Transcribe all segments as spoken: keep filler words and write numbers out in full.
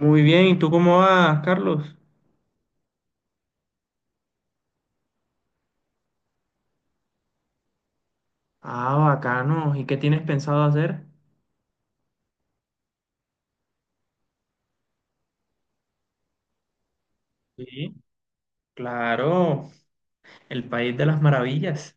Muy bien, ¿y tú cómo vas, Carlos? Ah, bacano. ¿Y qué tienes pensado hacer? Sí. Claro, el país de las maravillas.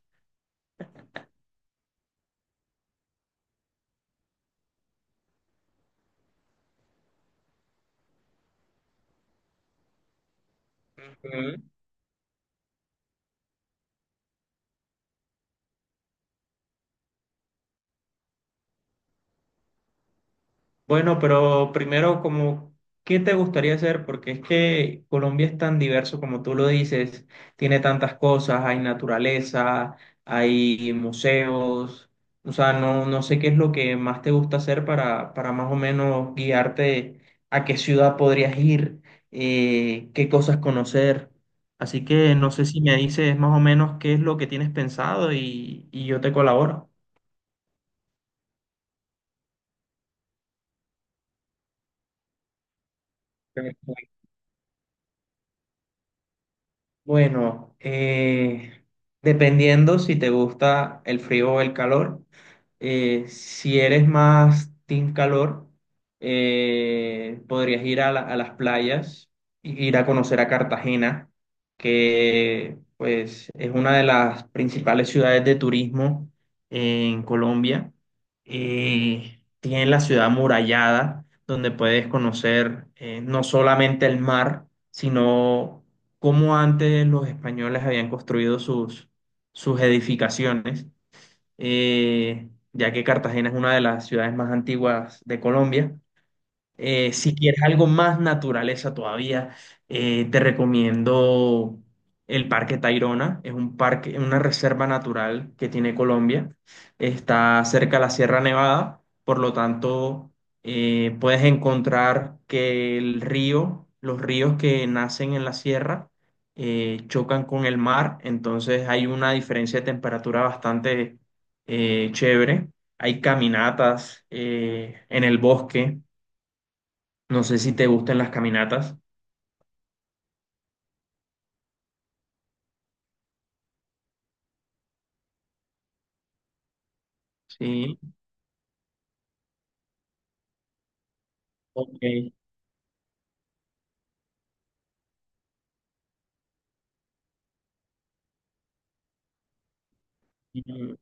Ujú. Bueno, pero primero, como, ¿qué te gustaría hacer? Porque es que Colombia es tan diverso como tú lo dices, tiene tantas cosas, hay naturaleza, hay museos, o sea, no, no sé qué es lo que más te gusta hacer para, para más o menos guiarte a qué ciudad podrías ir, eh, qué cosas conocer. Así que no sé si me dices más o menos qué es lo que tienes pensado y, y yo te colaboro. Bueno, eh, dependiendo si te gusta el frío o el calor, eh, si eres más team calor, eh, podrías ir a, la- a las playas, i- ir a conocer a Cartagena, que pues es una de las principales ciudades de turismo en Colombia. Eh, tiene la ciudad amurallada, donde puedes conocer eh, no solamente el mar, sino cómo antes los españoles habían construido sus, sus edificaciones, eh, ya que Cartagena es una de las ciudades más antiguas de Colombia. Eh, si quieres algo más naturaleza todavía, eh, te recomiendo el Parque Tayrona. Es un parque, una reserva natural que tiene Colombia. Está cerca de la Sierra Nevada, por lo tanto, eh, puedes encontrar que el río, los ríos que nacen en la sierra, eh, chocan con el mar, entonces hay una diferencia de temperatura bastante eh, chévere. Hay caminatas eh, en el bosque, no sé si te gustan las caminatas. Sí, ok. Mm,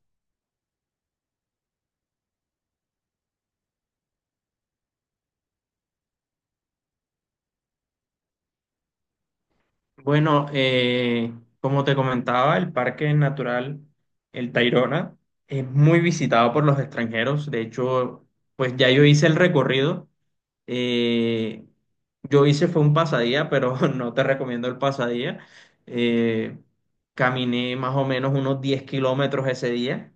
Bueno, eh, como te comentaba, el Parque Natural El Tayrona es muy visitado por los extranjeros. De hecho, pues ya yo hice el recorrido. Eh, yo hice fue un pasadía, pero no te recomiendo el pasadía. Eh, Caminé más o menos unos diez kilómetros ese día,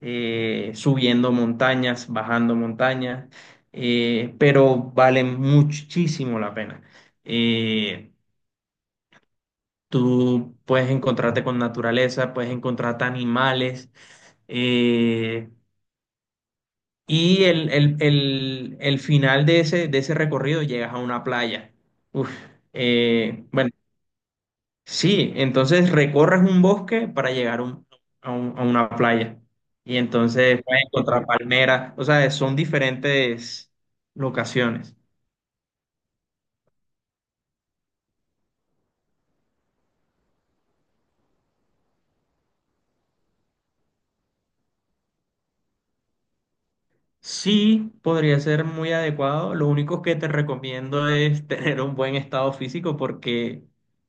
eh, subiendo montañas, bajando montañas, eh, pero vale muchísimo la pena. Eh, Tú puedes encontrarte con naturaleza, puedes encontrarte animales. Eh, y el, el- el- el final de ese, de ese recorrido llegas a una playa. Uf, eh, bueno, sí, entonces recorres un bosque para llegar a, un- a un- a una playa. Y entonces puedes encontrar palmeras. O sea, son diferentes locaciones. Sí, podría ser muy adecuado. Lo único que te recomiendo es tener un buen estado físico porque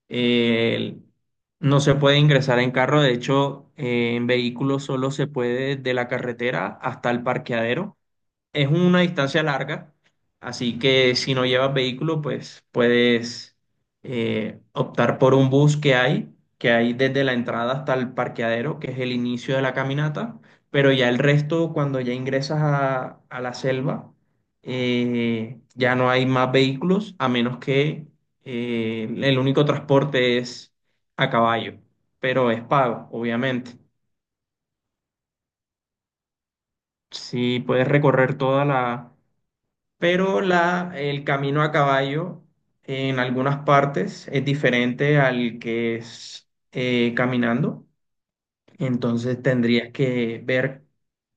eh, no se puede ingresar en carro. De hecho, eh, en vehículo solo se puede de la carretera hasta el parqueadero. Es una distancia larga, así que si no llevas vehículo, pues puedes eh, optar por un bus que hay, que hay desde la entrada hasta el parqueadero, que es el inicio de la caminata, pero ya el resto, cuando ya ingresas a, a la selva, eh, ya no hay más vehículos, a menos que eh, el único transporte es a caballo, pero es pago, obviamente. Si puedes recorrer toda la, pero la, el camino a caballo en algunas partes es diferente al que es eh, caminando. Entonces tendrías que ver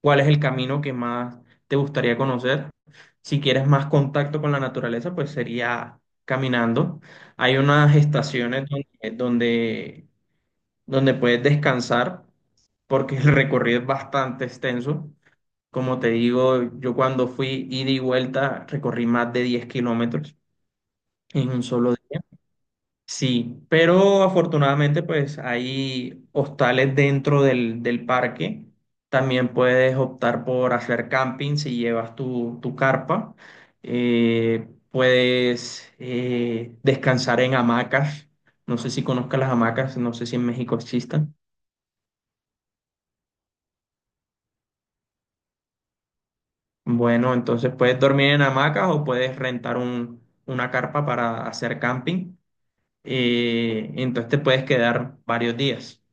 cuál es el camino que más te gustaría conocer. Si quieres más contacto con la naturaleza, pues sería caminando. Hay unas estaciones donde, donde, donde puedes descansar porque el recorrido es bastante extenso. Como te digo, yo cuando fui ida y vuelta recorrí más de diez kilómetros en un solo día. Sí, pero afortunadamente pues hay hostales dentro del, del parque. También puedes optar por hacer camping si llevas tu, tu carpa. Eh, puedes eh, descansar en hamacas. No sé si conozcas las hamacas, no sé si en México existan. Bueno, entonces puedes dormir en hamacas o puedes rentar un- una carpa para hacer camping, eh, entonces te puedes quedar varios días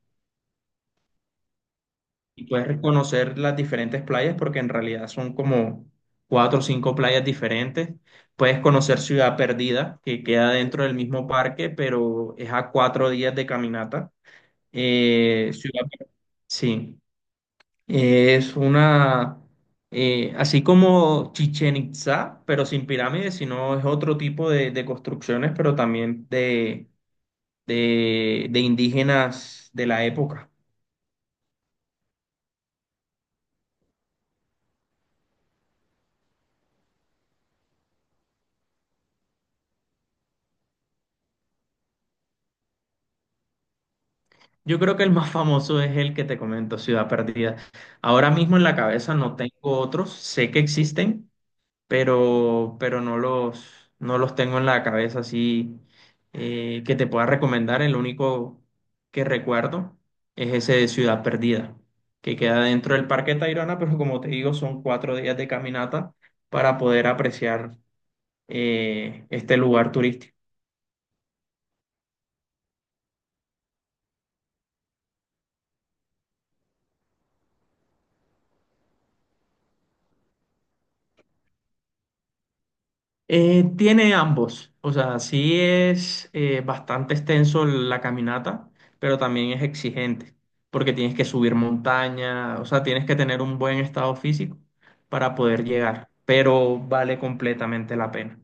y puedes conocer las diferentes playas porque en realidad son como cuatro o cinco playas diferentes. Puedes conocer Ciudad Perdida, que queda dentro del mismo parque, pero es a cuatro días de caminata. Eh, Ciudad, sí. Es una, eh, así como Chichen Itzá, pero sin pirámides, sino es otro tipo de, de construcciones, pero también de, de, de indígenas de la época. Yo creo que el más famoso es el que te comento, Ciudad Perdida. Ahora mismo en la cabeza no tengo otros, sé que existen, pero, pero no los, no los tengo en la cabeza así eh, que te pueda recomendar. El único que recuerdo es ese de Ciudad Perdida, que queda dentro del Parque Tayrona, pero como te digo, son cuatro días de caminata para poder apreciar eh, este lugar turístico. Eh, tiene ambos, o sea, sí es eh, bastante extenso la caminata, pero también es exigente, porque tienes que subir montaña, o sea, tienes que tener un buen estado físico para poder llegar, pero vale completamente la pena.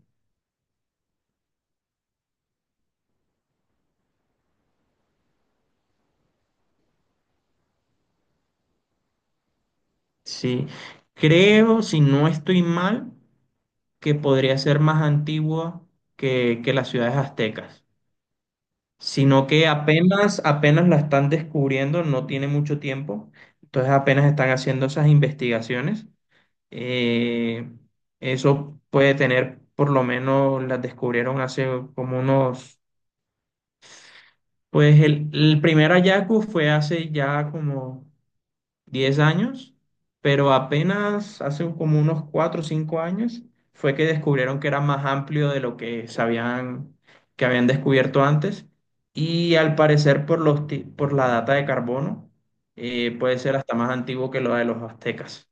Sí, creo, si no estoy mal, que podría ser más antigua que, que las ciudades aztecas, sino que apenas, apenas la están descubriendo, no tiene mucho tiempo, entonces apenas están haciendo esas investigaciones. Eh, Eso puede tener, por lo menos las descubrieron hace como unos, pues el, el primer hallazgo fue hace ya como diez años, pero apenas hace como unos cuatro o cinco años fue que descubrieron que era más amplio de lo que sabían que habían descubierto antes, y al parecer por los ti- por la data de carbono, eh, puede ser hasta más antiguo que lo de los aztecas.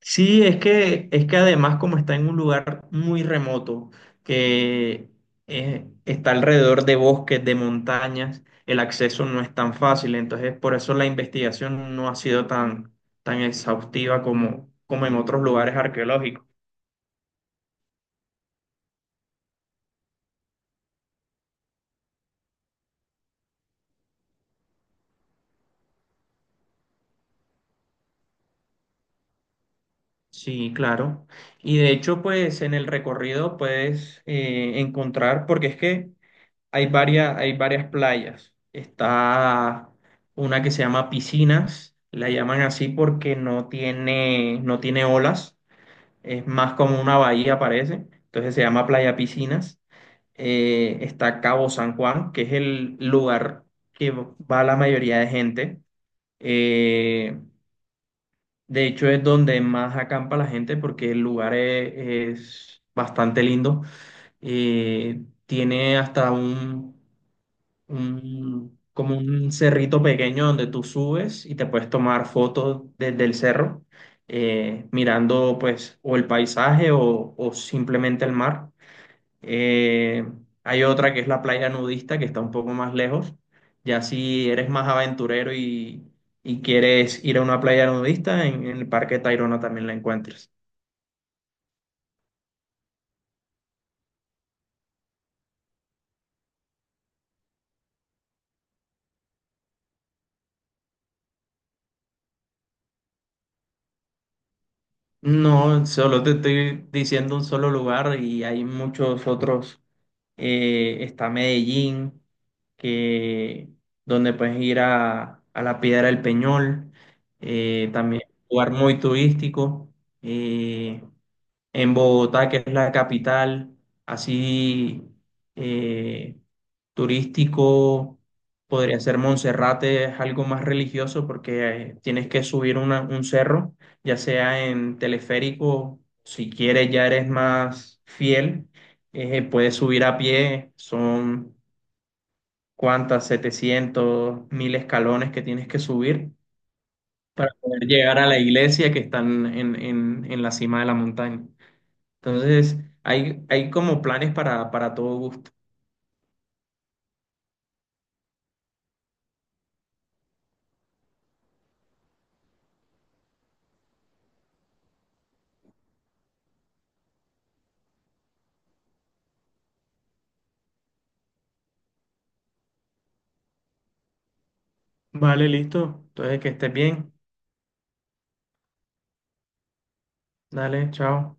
Sí, es que, es que además como está en un lugar muy remoto, que eh, está alrededor de bosques, de montañas, el acceso no es tan fácil, entonces por eso la investigación no ha sido tan, tan exhaustiva como, como en otros lugares arqueológicos. Sí, claro. Y de hecho, pues en el recorrido puedes eh, encontrar, porque es que hay varias, hay varias playas. Está una que se llama Piscinas, la llaman así porque no tiene, no tiene olas, es más como una bahía parece, entonces se llama Playa Piscinas. Eh, está Cabo San Juan, que es el lugar que va la mayoría de gente. Eh, de hecho es donde más acampa la gente porque el lugar es, es bastante lindo. Eh, Tiene hasta un un, como un cerrito pequeño donde tú subes y te puedes tomar fotos desde el cerro, eh, mirando pues o el paisaje o, o simplemente el mar. Eh, Hay otra que es la playa nudista que está un poco más lejos. Ya si eres más aventurero y, y quieres ir a una playa nudista, en, en el Parque Tayrona también la encuentras. No, solo te estoy diciendo un solo lugar y hay muchos otros. Eh, está Medellín, que, donde puedes ir a, a la Piedra del Peñol, eh, también un lugar muy turístico. eh, en Bogotá, que es la capital, así eh, turístico, podría ser Monserrate, es algo más religioso porque eh, tienes que subir una- un cerro, ya sea en teleférico, si quieres ya eres más fiel, eh, puedes subir a pie, son cuántas, setecientos mil escalones que tienes que subir para poder llegar a la iglesia que están en, en, en la cima de la montaña. Entonces, hay, hay como planes para, para todo gusto. Vale, listo. Entonces, que estés bien. Dale, chao.